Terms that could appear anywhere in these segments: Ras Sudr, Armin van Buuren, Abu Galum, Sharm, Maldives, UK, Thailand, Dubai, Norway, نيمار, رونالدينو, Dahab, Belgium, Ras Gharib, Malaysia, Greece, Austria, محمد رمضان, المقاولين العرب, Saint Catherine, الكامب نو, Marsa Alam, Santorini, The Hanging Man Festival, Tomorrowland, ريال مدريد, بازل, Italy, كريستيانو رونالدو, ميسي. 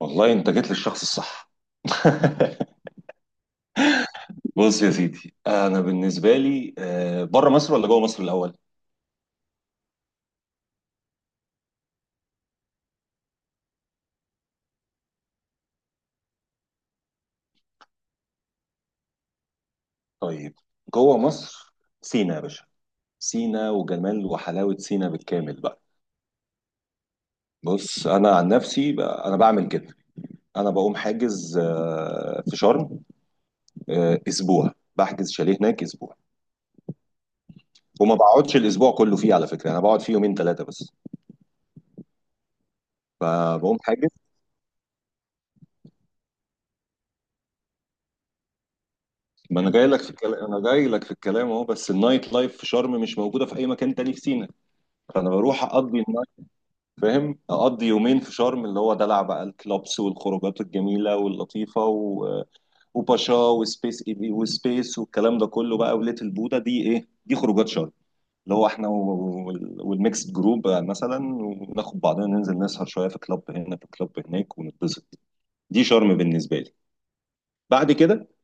والله انت جيت للشخص الصح. بص يا سيدي، انا بالنسبه لي، بره مصر ولا جوه مصر الاول؟ طيب، جوه مصر. سينا يا باشا، سينا وجمال وحلاوه سينا بالكامل بقى. بص انا عن نفسي بقى، انا بعمل كده. انا بقوم حاجز في شرم، اسبوع، بحجز شاليه هناك اسبوع. وما بقعدش الاسبوع كله فيه، على فكره انا بقعد فيه يومين ثلاثه بس، فبقوم حاجز. ما انا جاي لك في الكلام، انا جاي لك في الكلام اهو. بس النايت لايف في شرم مش موجوده في اي مكان تاني في سينا، فانا بروح اقضي النايت. فاهم؟ اقضي يومين في شرم، اللي هو دلع بقى، الكلوبس والخروجات الجميله واللطيفه وباشا وسبيس اي بي وسبيس والكلام ده كله بقى، وليتل بودا دي، ايه دي، خروجات شرم. اللي هو احنا والميكس جروب مثلا، وناخد بعضنا ننزل نسهر شويه في كلاب هنا في كلاب هناك ونتبسط. دي شرم بالنسبه لي. بعد كده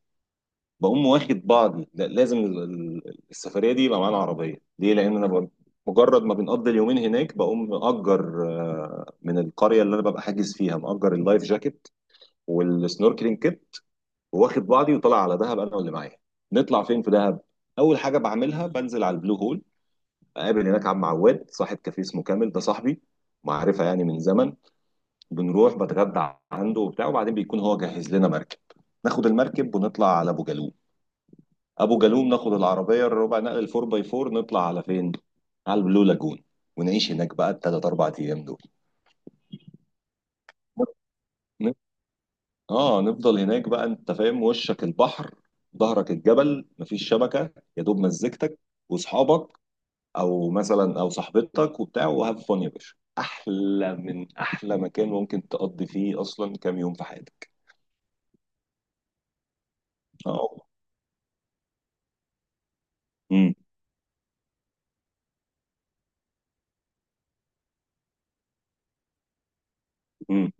بقوم واخد بعضي. لا، لازم السفريه دي يبقى معانا عربيه، ليه؟ لان انا مجرد ما بنقضي اليومين هناك بقوم مأجر من القريه اللي انا ببقى حاجز فيها، مأجر اللايف جاكيت والسنوركلينج كيت، واخد بعضي وطالع على دهب انا واللي معايا. نطلع فين في دهب؟ اول حاجه بعملها بنزل على البلو هول، اقابل هناك عم عواد، صاحب كافيه اسمه كامل، ده صاحبي، معرفه يعني من زمن. بنروح بتغدى عنده وبتاع، وبعدين بيكون هو جهز لنا مركب، ناخد المركب ونطلع على ابو جالوم. ابو جالوم ناخد العربيه الربع نقل الفور باي فور، نطلع على فين؟ على البلو لاجون. ونعيش هناك بقى الثلاث اربع ايام دول. ن- اه نفضل هناك بقى. انت فاهم؟ وشك البحر، ظهرك الجبل، مفيش شبكه، يا دوب مزجتك واصحابك، او مثلا او صاحبتك وبتاع، وهاف فun يا باشا، احلى من احلى مكان ممكن تقضي فيه اصلا كام يوم في حياتك. اه. امم امم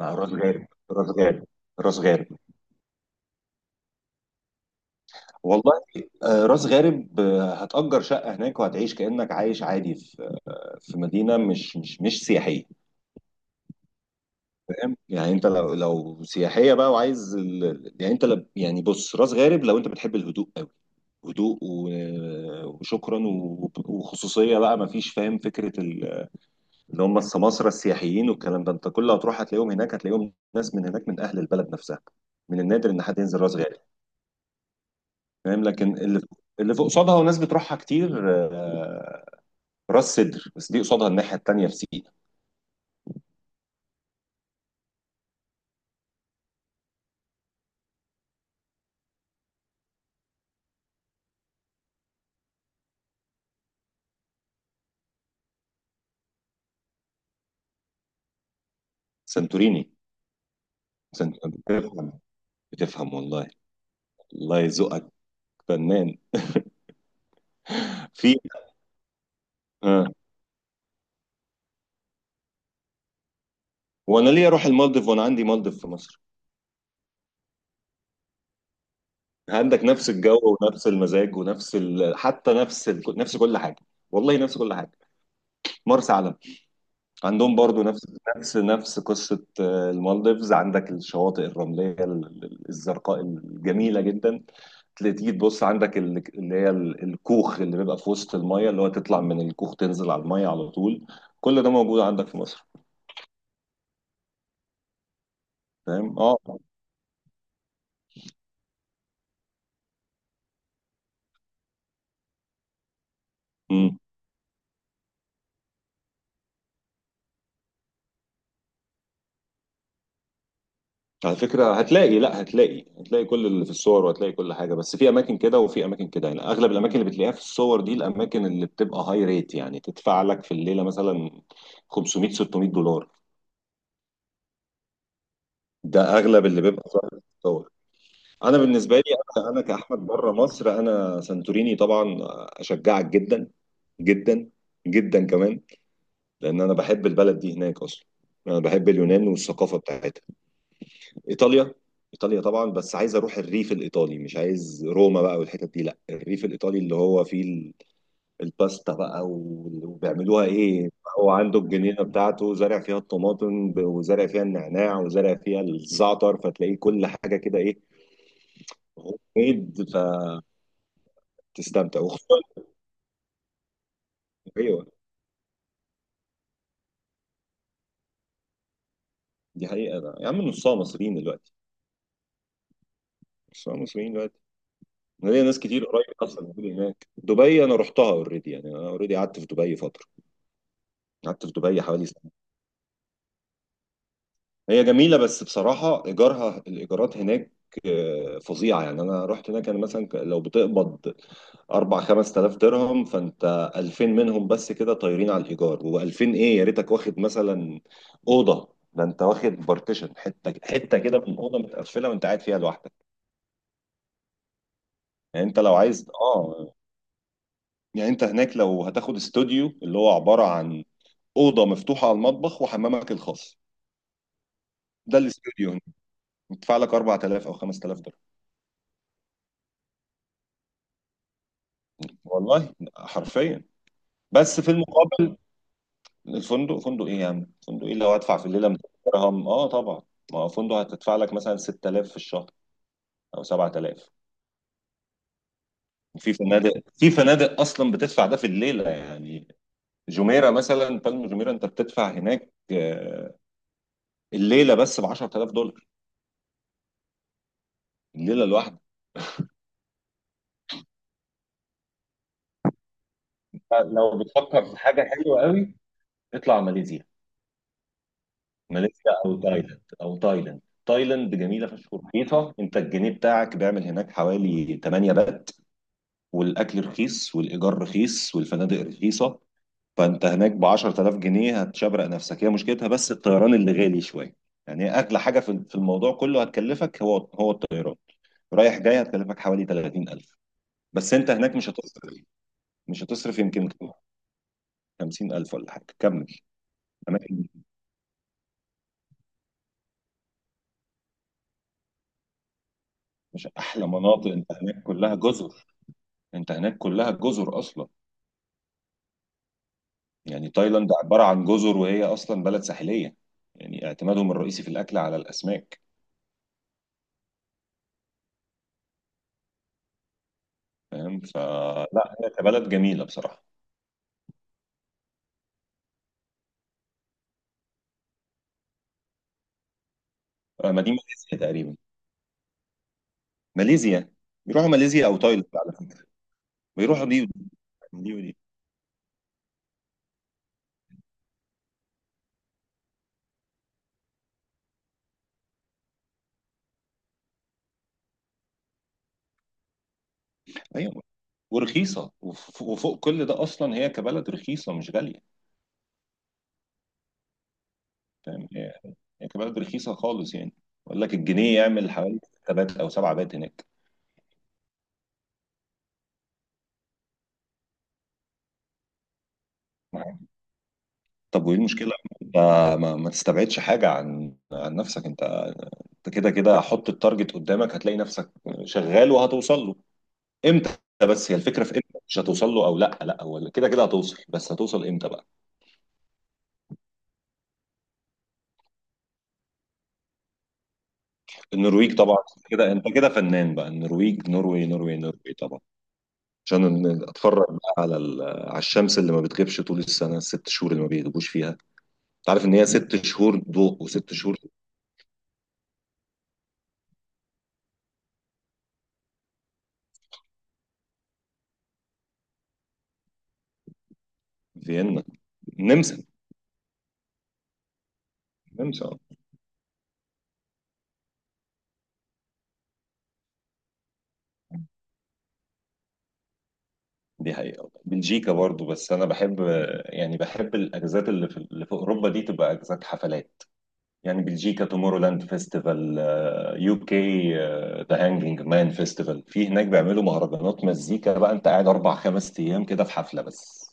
مع راس غارب. راس غارب، راس غارب. والله راس غارب، هتأجر شقة هناك وهتعيش كأنك عايش عادي في في مدينة مش سياحية. فاهم يعني؟ انت لو لو سياحية بقى وعايز يعني انت يعني بص، راس غارب لو انت بتحب الهدوء أوي، هدوء وشكرا وخصوصية بقى، ما فيش. فاهم فكرة اللي هم السماسرة السياحيين والكلام ده، انت كل ما تروح هتلاقيهم هناك، هتلاقيهم ناس من هناك من أهل البلد نفسها. من النادر ان حد ينزل راس غارب. فاهم؟ لكن اللي اللي فوق قصادها وناس بتروحها كتير راس سدر، بس دي قصادها الناحية التانية في سينا. سانتوريني. سنت... بتفهم، بتفهم والله. الله يذوقك فنان. في. ها. وانا ليه اروح المالديف وانا عندي مالديف في مصر؟ عندك نفس الجو ونفس المزاج ونفس ال... حتى نفس ال... نفس كل حاجة. والله نفس كل حاجة. مرسى علم عندهم برضو نفس نفس نفس قصة المالديفز. عندك الشواطئ الرملية الزرقاء الجميلة جدا. تيجي تبص عندك اللي هي الكوخ اللي بيبقى في وسط المية، اللي هو تطلع من الكوخ تنزل على المية على طول. كل ده موجود عندك في مصر. فاهم؟ اه. امم على فكرة هتلاقي، لا هتلاقي، هتلاقي كل اللي في الصور وهتلاقي كل حاجة، بس في أماكن كده وفي أماكن كده. يعني أغلب الأماكن اللي بتلاقيها في الصور دي الأماكن اللي بتبقى هاي ريت، يعني تدفع لك في الليلة مثلا 500 600 دولار. ده أغلب اللي بيبقى ظاهر في الصور. أنا بالنسبة لي، أنا كأحمد، بره مصر أنا سانتوريني طبعا. أشجعك جدا، جدا، جدا كمان. لان انا بحب البلد دي هناك اصلا، انا بحب اليونان والثقافه بتاعتها. ايطاليا. ايطاليا طبعا، بس عايز اروح الريف الايطالي، مش عايز روما بقى والحتت دي، لا الريف الايطالي اللي هو فيه الباستا بقى وبيعملوها ايه. هو عنده الجنينه بتاعته زارع فيها الطماطم وزارع فيها النعناع وزارع فيها الزعتر، فتلاقيه كل حاجه كده ايه. هوم ميد. فتستمتع. ايوه. دي حقيقه بقى. يا عم نصها مصريين دلوقتي، نصها مصريين دلوقتي. ليا ناس كتير قريب اصلا موجودة هناك. دبي انا رحتها اوريدي، يعني انا اوريدي قعدت في دبي فتره، قعدت في دبي حوالي سنه. هي جميله بس بصراحه ايجارها، الايجارات هناك فظيعه. يعني انا رحت هناك، انا مثلا لو بتقبض 4 5000 درهم، فانت 2000 منهم بس كده طايرين على الايجار، و2000 ايه يا ريتك واخد مثلا اوضه، ده انت واخد بارتيشن حته حته كده من اوضه متقفله وانت قاعد فيها لوحدك. يعني انت لو عايز، اه، يعني انت هناك لو هتاخد استوديو اللي هو عبارة عن اوضه مفتوحه على المطبخ وحمامك الخاص، ده الاستوديو هنا تدفع لك 4000 او 5000 دولار. والله حرفيا. بس في المقابل الفندق، فندق ايه يا عم، فندق ايه؟ لو هدفع في الليله 200 درهم اه طبعا، ما هو فندق هتدفع لك مثلا 6000 في الشهر او 7000. في فنادق، في فنادق اصلا بتدفع ده في الليله. يعني جميره مثلا، بالم جميره، انت بتدفع هناك الليله بس ب 10000 دولار، الليله الواحده. لو بتفكر في حاجه حلوه قوي، اطلع ماليزيا. ماليزيا او تايلاند، او تايلاند. تايلاند جميله فشخ ورخيصه. انت الجنيه بتاعك بيعمل هناك حوالي 8 بات. والاكل رخيص والايجار رخيص والفنادق رخيصه، فانت هناك ب 10000 جنيه هتشبرق نفسك. هي مشكلتها بس الطيران اللي غالي شويه، يعني هي اغلى حاجه في الموضوع كله هتكلفك، هو الطيران رايح جاي. هتكلفك حوالي 30000، بس انت هناك مش هتصرف، مش هتصرف يمكن 50000 ولا حاجه. كمل. اماكن، مش احلى مناطق؟ انت هناك كلها جزر، انت هناك كلها جزر اصلا. يعني تايلاند عبارة عن جزر، وهي أصلا بلد ساحلية، يعني اعتمادهم الرئيسي في الأكل على الأسماك. فاهم؟ فلا هي كبلد جميلة بصراحة. ما دي ماليزيا تقريبا. ماليزيا. بيروحوا ماليزيا أو تايلاند على فكرة، بيروحوا دي ودي، دي ودي. أيوة. ورخيصة وفوق كل ده، أصلا هي كبلد رخيصة مش غالية. فاهم؟ هي كبلد رخيصة خالص. يعني بقول لك الجنيه يعمل حوالي 6 بات أو 7 بات هناك. طب وإيه المشكلة؟ ما تستبعدش حاجة عن نفسك أنت. انت كده كده حط التارجت قدامك، هتلاقي نفسك شغال وهتوصل له. امتى؟ بس هي الفكره في امتى. مش هتوصل له، او لا لا، هو كده كده هتوصل، بس هتوصل امتى بقى. النرويج طبعا، كده انت كده فنان بقى. النرويج، نروي نروي نروي طبعا، عشان اتفرج بقى على على الشمس اللي ما بتغيبش طول السنه، الست شهور اللي ما بيغيبوش فيها. انت عارف ان هي ست شهور ضوء وست شهور. فيينا، النمسا. النمسا اه. دي حقيقة. بلجيكا برضو، بس أنا بحب، يعني بحب الأجازات اللي في، اللي في أوروبا دي تبقى أجازات حفلات. يعني بلجيكا تومورو لاند فيستيفال، يو كي ذا هانجينج مان فيستيفال. في هناك بيعملوا مهرجانات مزيكا بقى، انت قاعد اربع خمس ايام كده في حفله بس،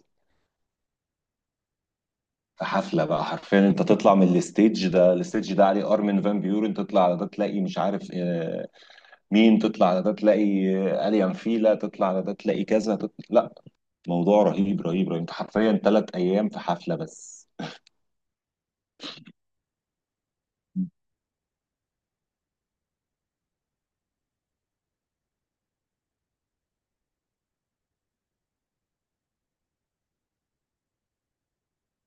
في حفله بقى حرفيا. انت تطلع من الستيج ده الستيج ده عليه ارمن فان بيورن، تطلع على ده تلاقي مش عارف مين، تطلع على ده تلاقي اليان فيلا، تطلع على ده تلاقي كذا، تطلع. لا، موضوع رهيب رهيب رهيب، انت حرفيا ثلاث ايام في حفله بس.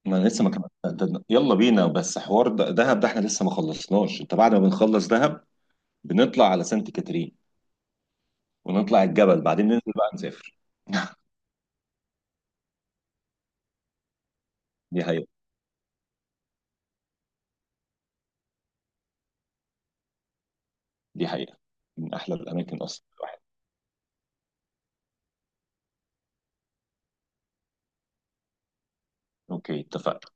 ما انا لسه ما كمان، يلا بينا بس. حوار دهب ده احنا لسه ما خلصناش، انت بعد ما بنخلص دهب بنطلع على سانت كاترين، ونطلع الجبل، بعدين ننزل بقى نسافر. دي حقيقة، دي حقيقة. من احلى الاماكن اصلا الواحد. اوكي، اتفقنا.